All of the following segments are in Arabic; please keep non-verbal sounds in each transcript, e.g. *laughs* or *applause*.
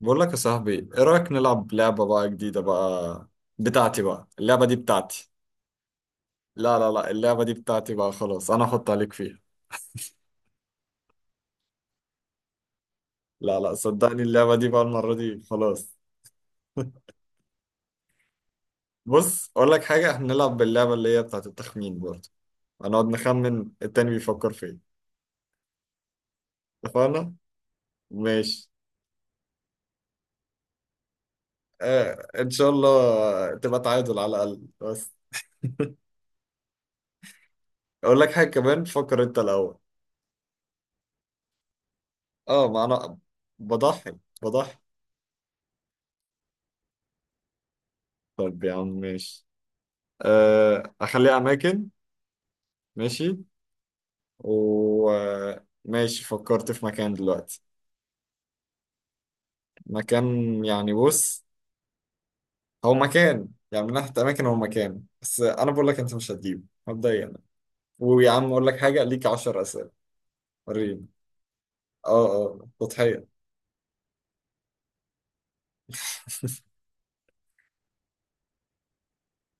بقول لك يا صاحبي، ايه رأيك نلعب لعبة بقى جديدة بقى؟ بتاعتي بقى، اللعبة دي بتاعتي. لا لا لا، اللعبة دي بتاعتي بقى خلاص، انا احط عليك فيها. لا لا، صدقني اللعبة دي بقى المرة دي خلاص. *laughs* بص، اقول لك حاجة، احنا نلعب باللعبة اللي هي بتاعت التخمين برضه. هنقعد نخمن التاني بيفكر في ايه. اتفقنا. ماشي. آه ان شاء الله تبقى تعادل على الاقل بس. اقول لك حاجة كمان، فكر انت الاول. اه، ما انا بضحي بضحي. طب يا عم ماشي. آه، اخليها اماكن. ماشي. وماشي فكرت في مكان دلوقتي. مكان، يعني بص، هو مكان يعني من ناحية اماكن، هو مكان، بس انا بقول لك انت مش هتجيبه مبدئيا. ويا عم اقول لك حاجة، ليك 10 اسئلة. وريني. اه اه تضحية. *laughs*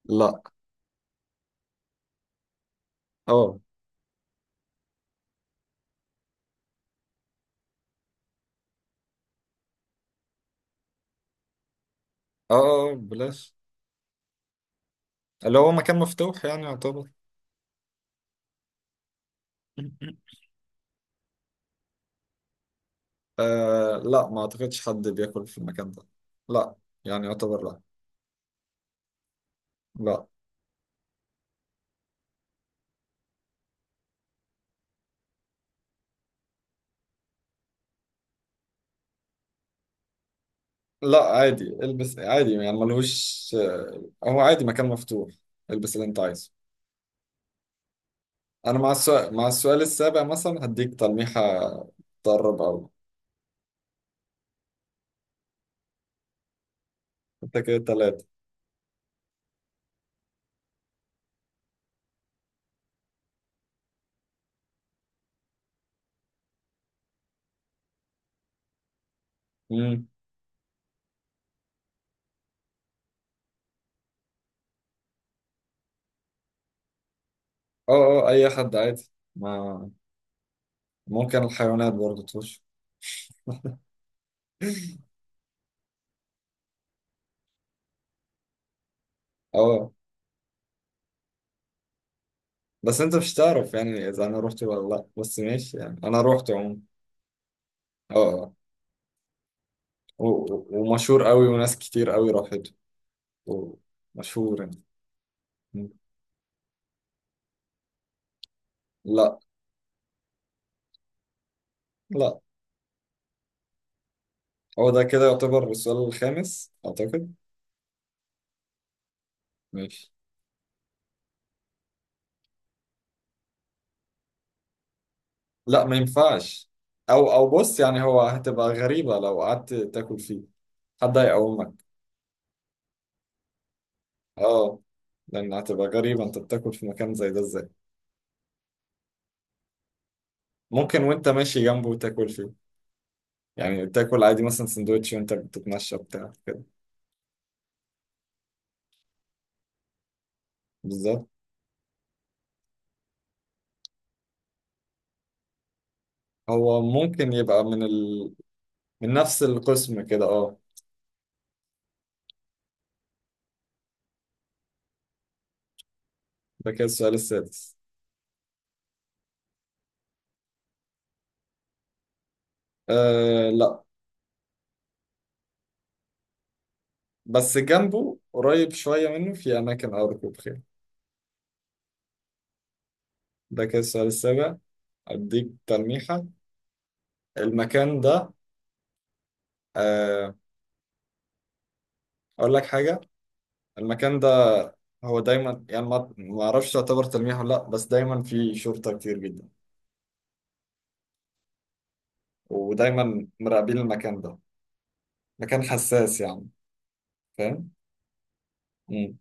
لا. اه اه. آه، آه، بلاش. اللي هو مكان مفتوح يعني يعتبر. *laughs* آه لا، ما اعتقدش حد بياكل في المكان ده. لا، يعني يعتبر لا. لا لا، عادي البس عادي يعني ملهوش. هو عادي مكان مفتوح، البس اللي انت عايزه. انا مع السؤال السابع مثلا هديك تلميحة. تقرب اوي. انت كده تلاتة. امم. اه اه اي حد عادي ما. ممكن الحيوانات برضه تخش. *laughs* اه، بس انت مش تعرف يعني اذا انا روحت ولا لا، بس ماشي يعني انا روحت عموما. اه اه، ومشهور قوي وناس كتير قوي راحت. ومشهور يعني. مم. لا لا، هو ده كده يعتبر السؤال الخامس أعتقد. ماشي. لا ما ينفعش. أو بص، يعني هو هتبقى غريبة لو قعدت تاكل فيه. حد هيقومك. اه، لأن هتبقى غريبة أنت بتاكل في مكان زي ده إزاي؟ ممكن وأنت ماشي جنبه وتاكل فيه. يعني تاكل عادي مثلا سندوتش وأنت بتتمشى بتاع كده. بالظبط. هو ممكن يبقى من نفس القسم كده اه. ده كده السؤال السادس. آه لا، بس جنبه قريب شوية منه في أماكن أو ركوب خيل. ده كده السؤال السابع. أديك تلميحة. المكان ده، آه، أقول لك حاجة. المكان ده، هو دايما يعني ما أعرفش تعتبر تلميح ولا لأ، بس دايما فيه شرطة كتير جدا. ودايما مراقبين المكان ده، مكان حساس يعني. فاهم. مم.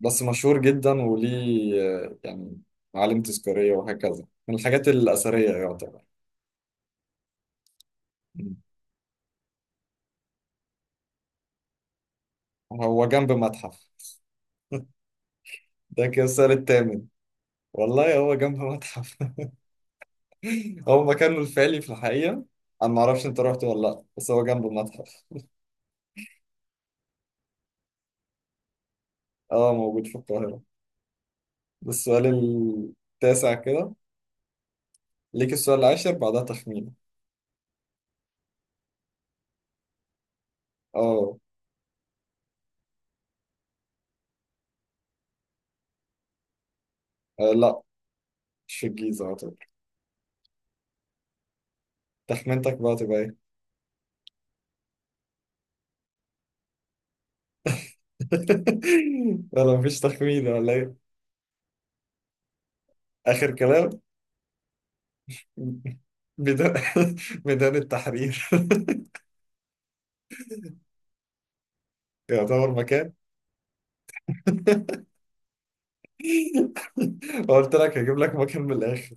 بس مشهور جدا وليه، آه، يعني معالم تذكارية وهكذا من الحاجات الأثرية يعتبر. مم. هو جنب متحف. ده كده السؤال الثامن. والله هو جنب متحف، هو مكانه الفعلي في الحقيقة. أنا معرفش أنت رحت ولا لأ، بس هو جنبه المتحف. أه موجود في القاهرة. ده السؤال التاسع كده. ليك السؤال العاشر بعدها تخمين. أه. آه، لأ مش في الجيزة أعتقد. تخمينتك بقى تبقى إيه؟ *laughs* ولا مفيش تخمين ولا إيه؟ آخر كلام. *laughs* ميدان. *laughs* ميدان التحرير. *laughs* يعتبر مكان. *laughs* قلت لك هجيب لك مكان من الآخر.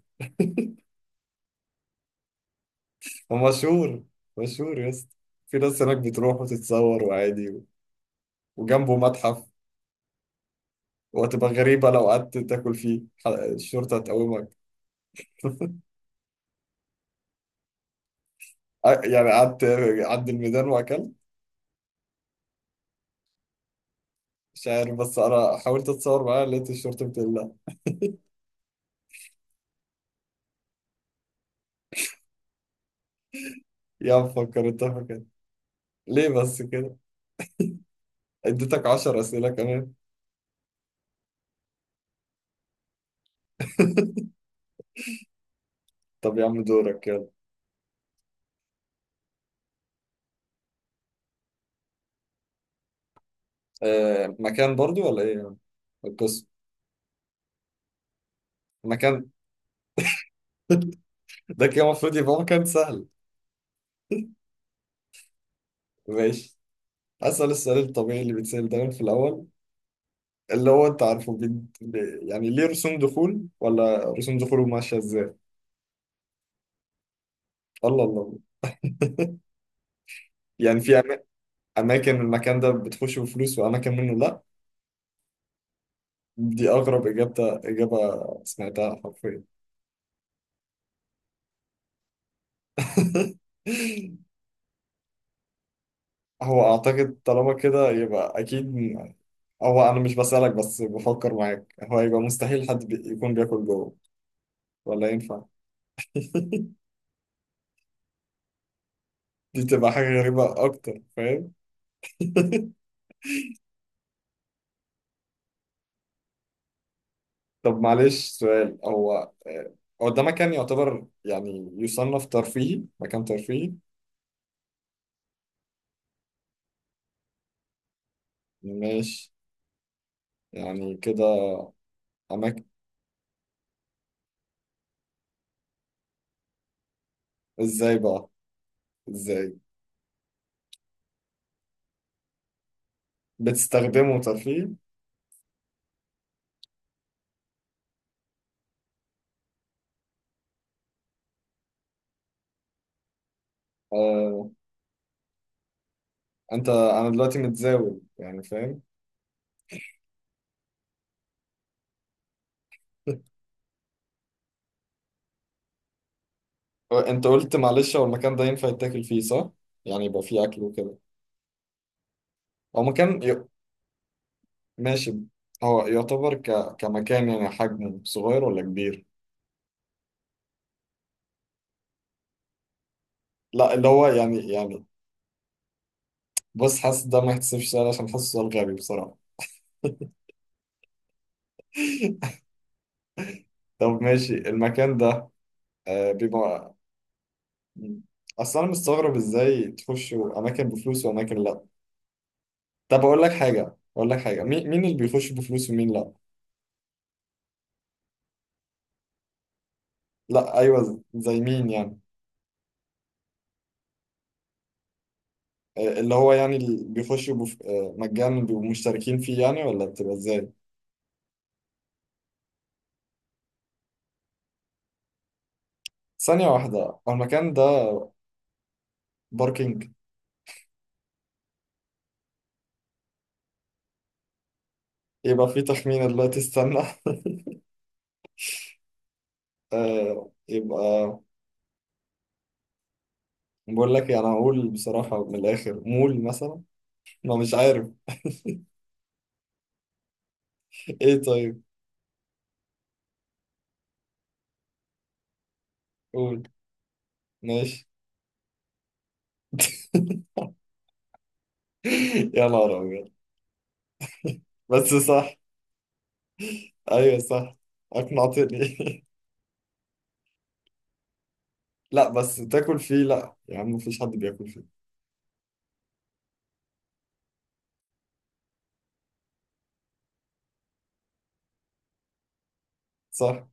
ومشهور مشهور مشهور يا اسطى. في ناس هناك بتروح وتتصور وعادي. وجنبه متحف. وهتبقى غريبة لو قعدت تاكل فيه، الشرطة هتقومك. يعني قعدت عند الميدان وأكلت. مش عارف، بس أنا حاولت أتصور معاه لقيت الشرطة بتقول لا. يا مفكر أنت فاكر ليه بس كده؟ اديتك عشر أسئلة كمان. *laughs* طب يا عم دورك يلا. أه مكان برضو ولا إيه القصة؟ مكان. *laughs* ده كده المفروض يبقى مكان سهل. ماشي. أسأل السؤال الطبيعي اللي بيتسأل دايما في الأول. اللي هو انت عارفه، يعني ليه رسوم دخول ولا رسوم دخوله ماشيه ازاي؟ الله الله. يعني في اماكن المكان ده بتخش بفلوس واماكن منه لا. دي اغرب اجابه سمعتها حرفيا. *laughs* هو اعتقد طالما كده يبقى اكيد هو انا مش بسألك بس بفكر معاك، هو يبقى مستحيل حد يكون بياكل جوه ولا ينفع. *laughs* دي تبقى حاجه غريبه اكتر، فاهم. *laughs* طب معلش، سؤال. هو آه، هو ده مكان يعتبر يعني يصنف ترفيهي؟ مكان ترفيهي؟ ماشي يعني كده. أماكن. إزاي بقى، إزاي؟ بتستخدمه ترفيهي؟ آه، أنا دلوقتي متزاول يعني فاهم. *laughs* هو أنت قلت معلش، هو المكان ده ينفع يتاكل فيه صح؟ يعني يبقى فيه أكل وكده. هو مكان ماشي. هو يعتبر كمكان يعني حجمه صغير ولا كبير؟ لا، اللي هو يعني بص، حاسس ده ما يحتسبش سؤال عشان حاسس سؤال غبي بصراحة. *laughs* طب ماشي. المكان ده آه بيبقى، اصل انا مستغرب ازاي تخشوا اماكن بفلوس واماكن لا. طب اقول لك حاجه، مين اللي بيخش بفلوس ومين لا؟ لا ايوه، زي مين يعني؟ آه، اللي هو يعني اللي بيخشوا آه، مجانا بيبقوا مشتركين فيه يعني ولا بتبقى ازاي؟ ثانيه واحده. هو المكان ده باركينج؟ يبقى فيه تخمينه دلوقتي، استنى. *laughs* آه، يبقى بقول لك يعني هقول بصراحه من الاخر، مول مثلا. ما مش عارف. ايه طيب. قول. ماشي. *laughs* يا نهار ابيض! بس صح. ايوه صح. اقنعتني. *laughs* لا بس تاكل فيه لا، يا عم مفيش حد بياكل فيه صح.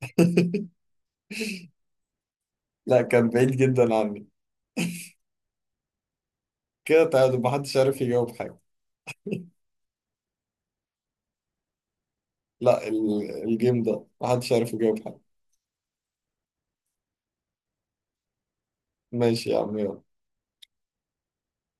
*laughs* لا، كان بعيد جدا عني. كده تعادل، محدش عارف يجاوب حاجة. لا الجيم ده محدش عارف يجاوب حاجة. ماشي يا عم يلا.